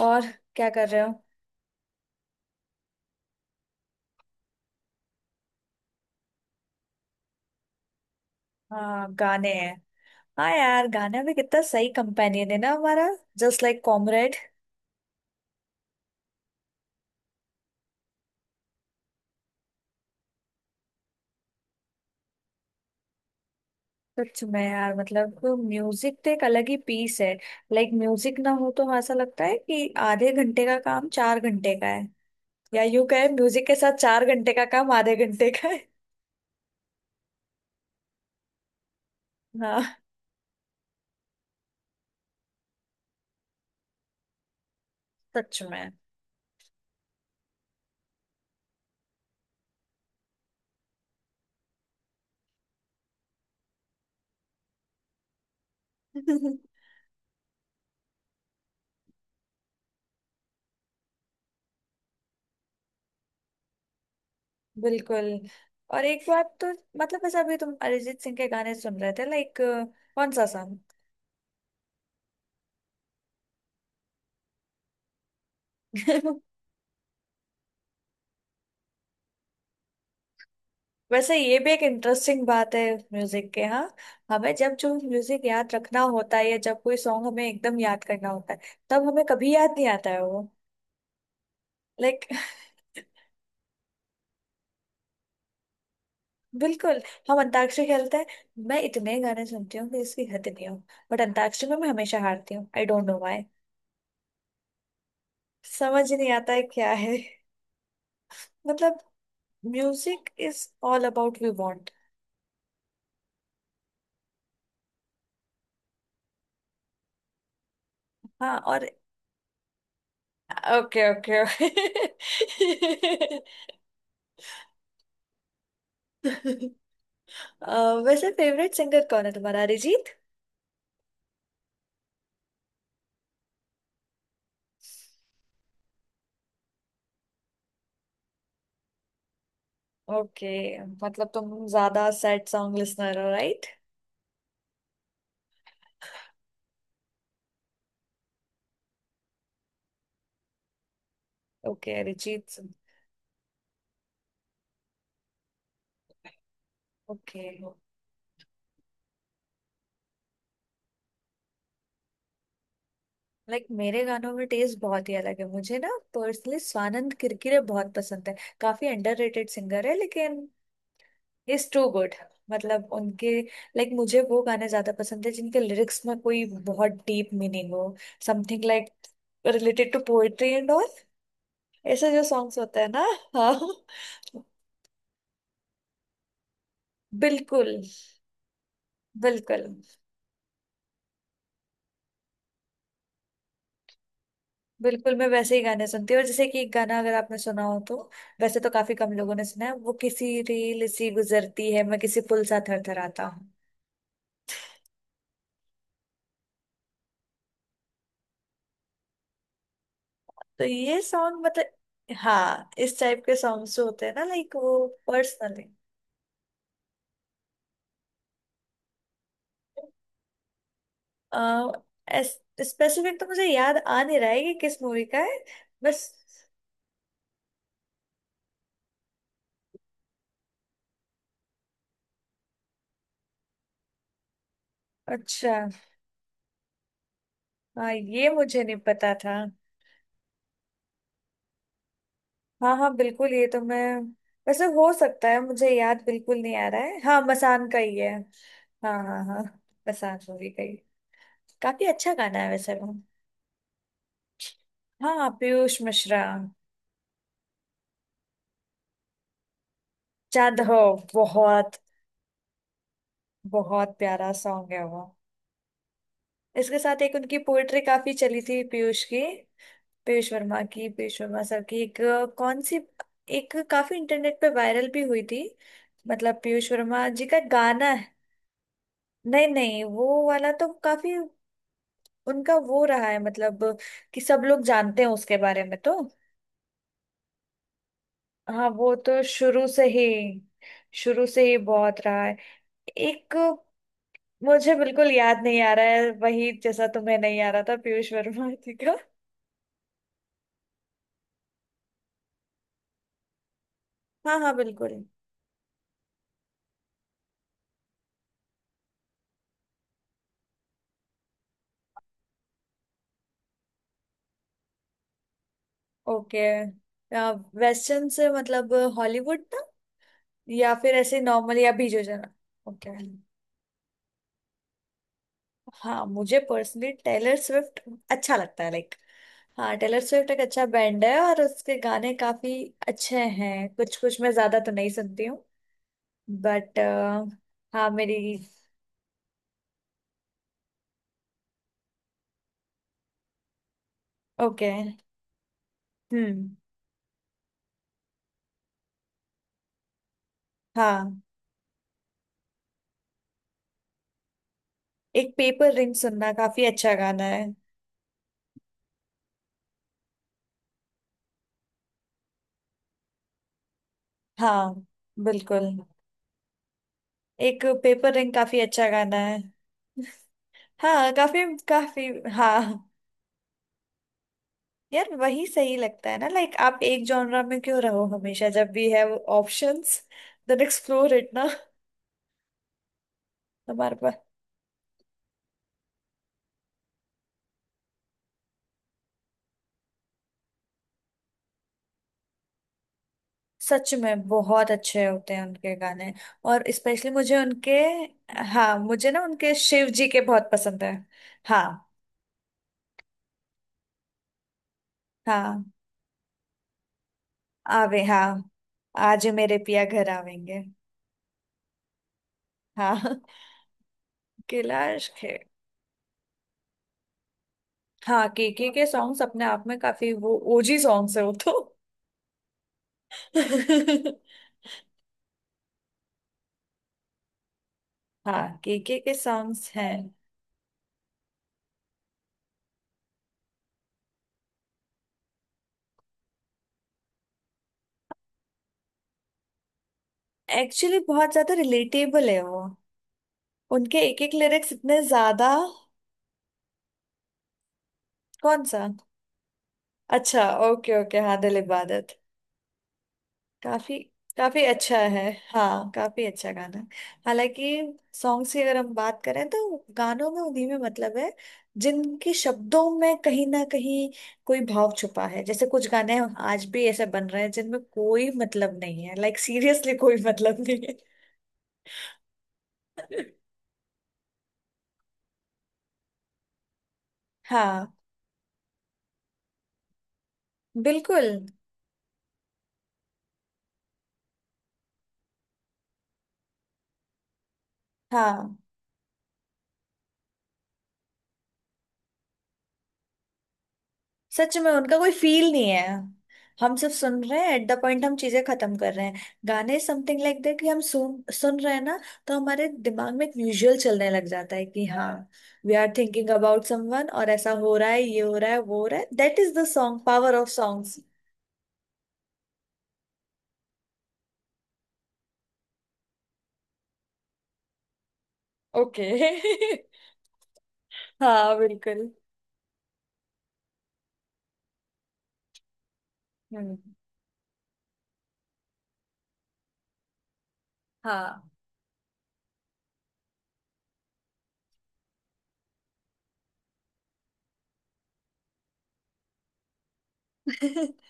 और क्या कर रहे हो। हाँ, गाने हैं। हाँ यार, गाना भी कितना सही कंपेनियन है ना हमारा। Just like comrade. सच में यार, मतलब म्यूजिक तो एक अलग ही पीस है। लाइक म्यूजिक ना हो तो ऐसा लगता है कि आधे घंटे का काम चार घंटे का है, या यूं कहे म्यूजिक के साथ चार घंटे का काम आधे घंटे का है। हाँ, सच में। बिल्कुल। और एक बात तो, मतलब ऐसा अभी तुम अरिजीत सिंह के गाने सुन रहे थे, लाइक कौन सा सॉन्ग। वैसे ये भी एक इंटरेस्टिंग बात है म्यूजिक के। हाँ, हमें जब जो म्यूजिक याद रखना होता है या जब कोई सॉन्ग हमें एकदम याद करना होता है, तब हमें कभी याद नहीं आता है वो। लाइक बिल्कुल। हम अंताक्षरी खेलते हैं। मैं इतने गाने सुनती हूँ कि इसकी हद नहीं हो। बट अंताक्षरी में मैं हमेशा हारती हूँ। I don't know why. समझ ही नहीं आता है क्या है। मतलब music is all about we want. हाँ, और ओके ओके ओके। वैसे फेवरेट सिंगर कौन है तुम्हारा, अरिजीत? ओके। मतलब तुम ज्यादा सैड सॉन्ग लिसनर हो, right? Okay, Arijit Singh. Okay, like मेरे गानों में टेस्ट बहुत ही अलग है। मुझे ना, पर्सनली स्वानंद किरकिरे बहुत पसंद है। काफी अंडररेटेड सिंगर है लेकिन इज टू गुड। मतलब उनके, लाइक मुझे वो गाने ज्यादा पसंद है जिनके लिरिक्स में कोई बहुत डीप मीनिंग हो। Something like related to poetry and all, ऐसे जो सॉन्ग्स होते हैं ना। हाँ बिल्कुल। बिल्कुल, बिल्कुल मैं वैसे ही गाने सुनती हूँ। और जैसे कि एक गाना अगर आपने सुना हो तो, वैसे तो काफी कम लोगों ने सुना है, वो किसी रील सी गुजरती है, मैं किसी पुल सा थरथराता हूँ। तो ये सॉन्ग मतलब, हाँ इस टाइप के सॉन्ग्स जो होते हैं ना, लाइक वो पर्सनली। स्पेसिफिक तो मुझे याद आ नहीं रहा है कि किस मूवी का है बस। अच्छा, हाँ ये मुझे नहीं पता था। हाँ हाँ बिल्कुल, ये तो मैं वैसे हो सकता है, मुझे याद बिल्कुल नहीं आ रहा है। हाँ, मसान का ही है। हाँ हाँ हाँ, मसान मूवी का ही। काफी अच्छा गाना है वैसे वो। हाँ, पीयूष मिश्रा। चांद हो। बहुत, बहुत प्यारा सॉन्ग है वो। इसके साथ एक उनकी पोएट्री काफी चली थी, पीयूष की। पीयूष वर्मा की, पीयूष वर्मा सर की एक कौन सी, एक काफी इंटरनेट पे वायरल भी हुई थी। मतलब पीयूष वर्मा जी का गाना है। नहीं नहीं, वो वाला तो काफी उनका वो रहा है, मतलब कि सब लोग जानते हैं उसके बारे में तो। हाँ वो तो शुरू से ही, शुरू से ही बहुत रहा है एक। मुझे बिल्कुल याद नहीं आ रहा है वही, जैसा तुम्हें नहीं आ रहा था पीयूष वर्मा जी का। हाँ हाँ बिल्कुल। ओके वेस्टर्न से मतलब, हॉलीवुड था या फिर ऐसे नॉर्मल, या बीजो जना। ओके, हाँ मुझे पर्सनली टेलर स्विफ्ट अच्छा लगता है। लाइक हाँ, टेलर स्विफ्ट एक अच्छा बैंड है और उसके गाने काफी अच्छे हैं। कुछ कुछ मैं ज्यादा तो नहीं सुनती हूँ बट। हाँ मेरी, ओके, हम्म। हाँ, एक पेपर रिंग सुनना काफी अच्छा गाना है। हाँ बिल्कुल, एक पेपर रिंग काफी अच्छा गाना है। हाँ, काफी काफी। हाँ यार, वही सही लगता है ना, लाइक आप एक जॉनरा में क्यों रहो हमेशा, जब भी है ऑप्शंस। देन एक्सप्लोर इट ना। हमारे पास। सच में बहुत अच्छे होते हैं उनके गाने। और स्पेशली मुझे उनके, हाँ मुझे ना उनके शिव जी के बहुत पसंद है। हाँ हाँ, आवे, हाँ आज मेरे पिया घर आवेंगे। हाँ किला इश्क है। हाँ, केके के सॉन्ग्स अपने आप में काफी वो ओजी सॉन्ग्स है वो तो। हाँ, केके के सॉन्ग्स हैं, एक्चुअली बहुत ज्यादा रिलेटेबल है वो। उनके एक एक लिरिक्स इतने ज्यादा। कौन सा? अच्छा, ओके ओके, हाँ दिल इबादत। काफी, काफी अच्छा है। हाँ काफी अच्छा गाना है। हालांकि सॉन्ग्स की अगर हम बात करें तो गानों में उन्हीं में मतलब है जिनके शब्दों में कहीं ना कहीं कोई भाव छुपा है। जैसे कुछ गाने आज भी ऐसे बन रहे हैं जिनमें कोई मतलब नहीं है, लाइक सीरियसली कोई मतलब नहीं है। हाँ बिल्कुल। हाँ सच में उनका कोई फील नहीं है। हम सिर्फ सुन रहे हैं, एट द पॉइंट हम चीजें खत्म कर रहे हैं। गाने, समथिंग लाइक दैट, कि हम सुन सुन रहे हैं ना, तो हमारे दिमाग में एक विजुअल चलने लग जाता है कि हाँ हाँ we are thinking about someone, और ऐसा हो रहा है, ये हो रहा है, वो हो रहा है। That is the song, power of songs. Okay हाँ बिल्कुल। हम्म, हाँ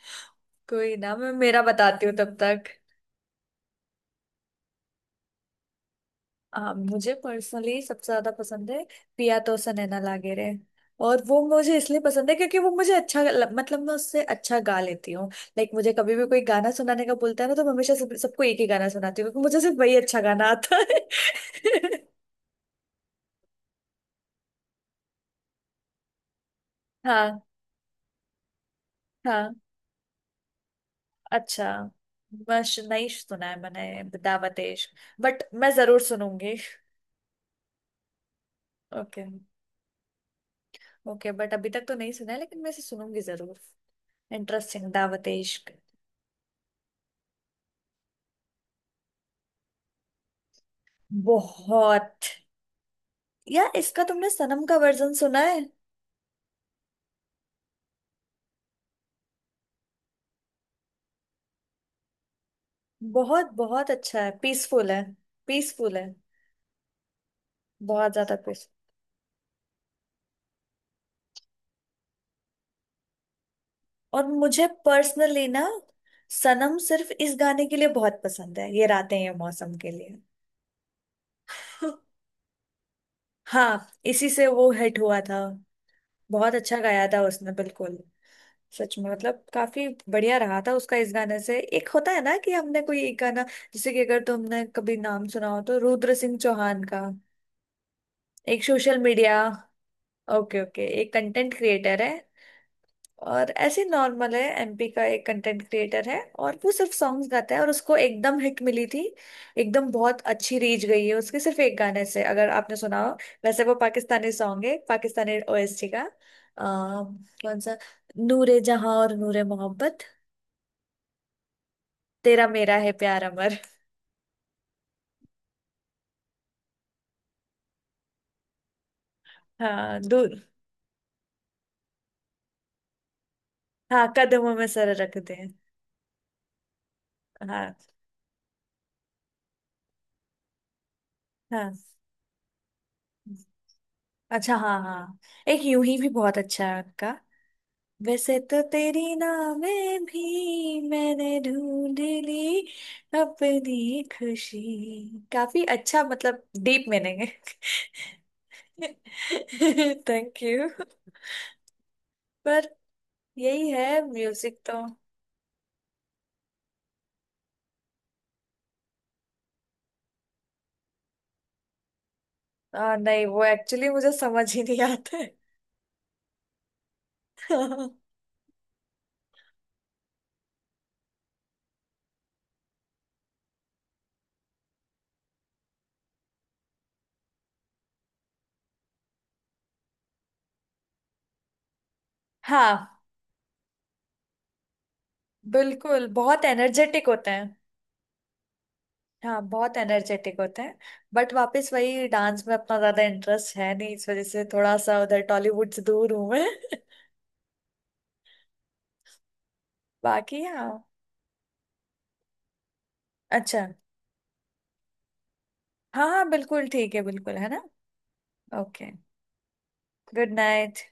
कोई ना, मैं मेरा बताती हूँ तब तक। मुझे पर्सनली सबसे ज्यादा पसंद है पिया तो सनैना लागे रे। और वो मुझे इसलिए पसंद है क्योंकि वो मुझे अच्छा मतलब मैं उससे अच्छा गा लेती हूँ। लाइक मुझे कभी भी कोई गाना सुनाने का बोलता है ना तो मैं हमेशा सबको एक ही गाना सुनाती हूँ, क्योंकि मुझे सिर्फ वही अच्छा गाना आता है। हाँ हाँ अच्छा, मश नहीं सुना है मैंने दावत इश्क। बट मैं जरूर सुनूंगी। ओके ओके, बट अभी तक तो नहीं सुना है, लेकिन मैं इसे सुनूंगी जरूर। इंटरेस्टिंग, दावत इश्क। बहुत, यार इसका तुमने सनम का वर्जन सुना है? बहुत बहुत अच्छा है, पीसफुल है। पीसफुल है, बहुत ज्यादा पीसफुल। और मुझे पर्सनली ना, सनम सिर्फ इस गाने के लिए बहुत पसंद है, ये रातें ये मौसम के लिए। हाँ, इसी से वो हिट हुआ था। बहुत अच्छा गाया था उसने बिल्कुल। सच में मतलब काफी बढ़िया रहा था उसका। इस गाने से एक होता है ना कि हमने कोई एक गाना, जैसे कि अगर तुमने कभी नाम सुना हो तो रुद्र सिंह चौहान का। एक सोशल मीडिया, ओके ओके, एक कंटेंट क्रिएटर है। और ऐसे नॉर्मल है, एमपी का एक कंटेंट क्रिएटर है और वो सिर्फ सॉन्ग्स गाता है और उसको एकदम हिट मिली थी। एकदम बहुत अच्छी रीच गई है उसके, सिर्फ एक गाने से, अगर आपने सुना हो। वैसे वो पाकिस्तानी सॉन्ग है, पाकिस्तानी ओएसटी का कौन सा, नूरे जहां और नूरे मोहब्बत। तेरा मेरा है प्यार अमर। हाँ दूर। हाँ, कदमों में सर रख दे। हाँ हाँ, अच्छा हाँ हाँ, एक यूं ही भी बहुत अच्छा है उनका। वैसे तो तेरी नावें भी मैंने ढूंढ ली अपनी खुशी। काफी अच्छा, मतलब डीप मीनिंग है। Thank you. पर यही है म्यूजिक तो। नहीं वो एक्चुअली मुझे समझ ही नहीं आते। हाँ बिल्कुल, बहुत एनर्जेटिक होते हैं। हाँ बहुत एनर्जेटिक होते हैं। बट वापस वही, डांस में अपना ज्यादा इंटरेस्ट है नहीं, इस वजह से थोड़ा सा उधर टॉलीवुड से दूर हूं मैं। बाकी हाँ। अच्छा हाँ हाँ बिल्कुल, ठीक है, बिल्कुल है ना। Okay, good night.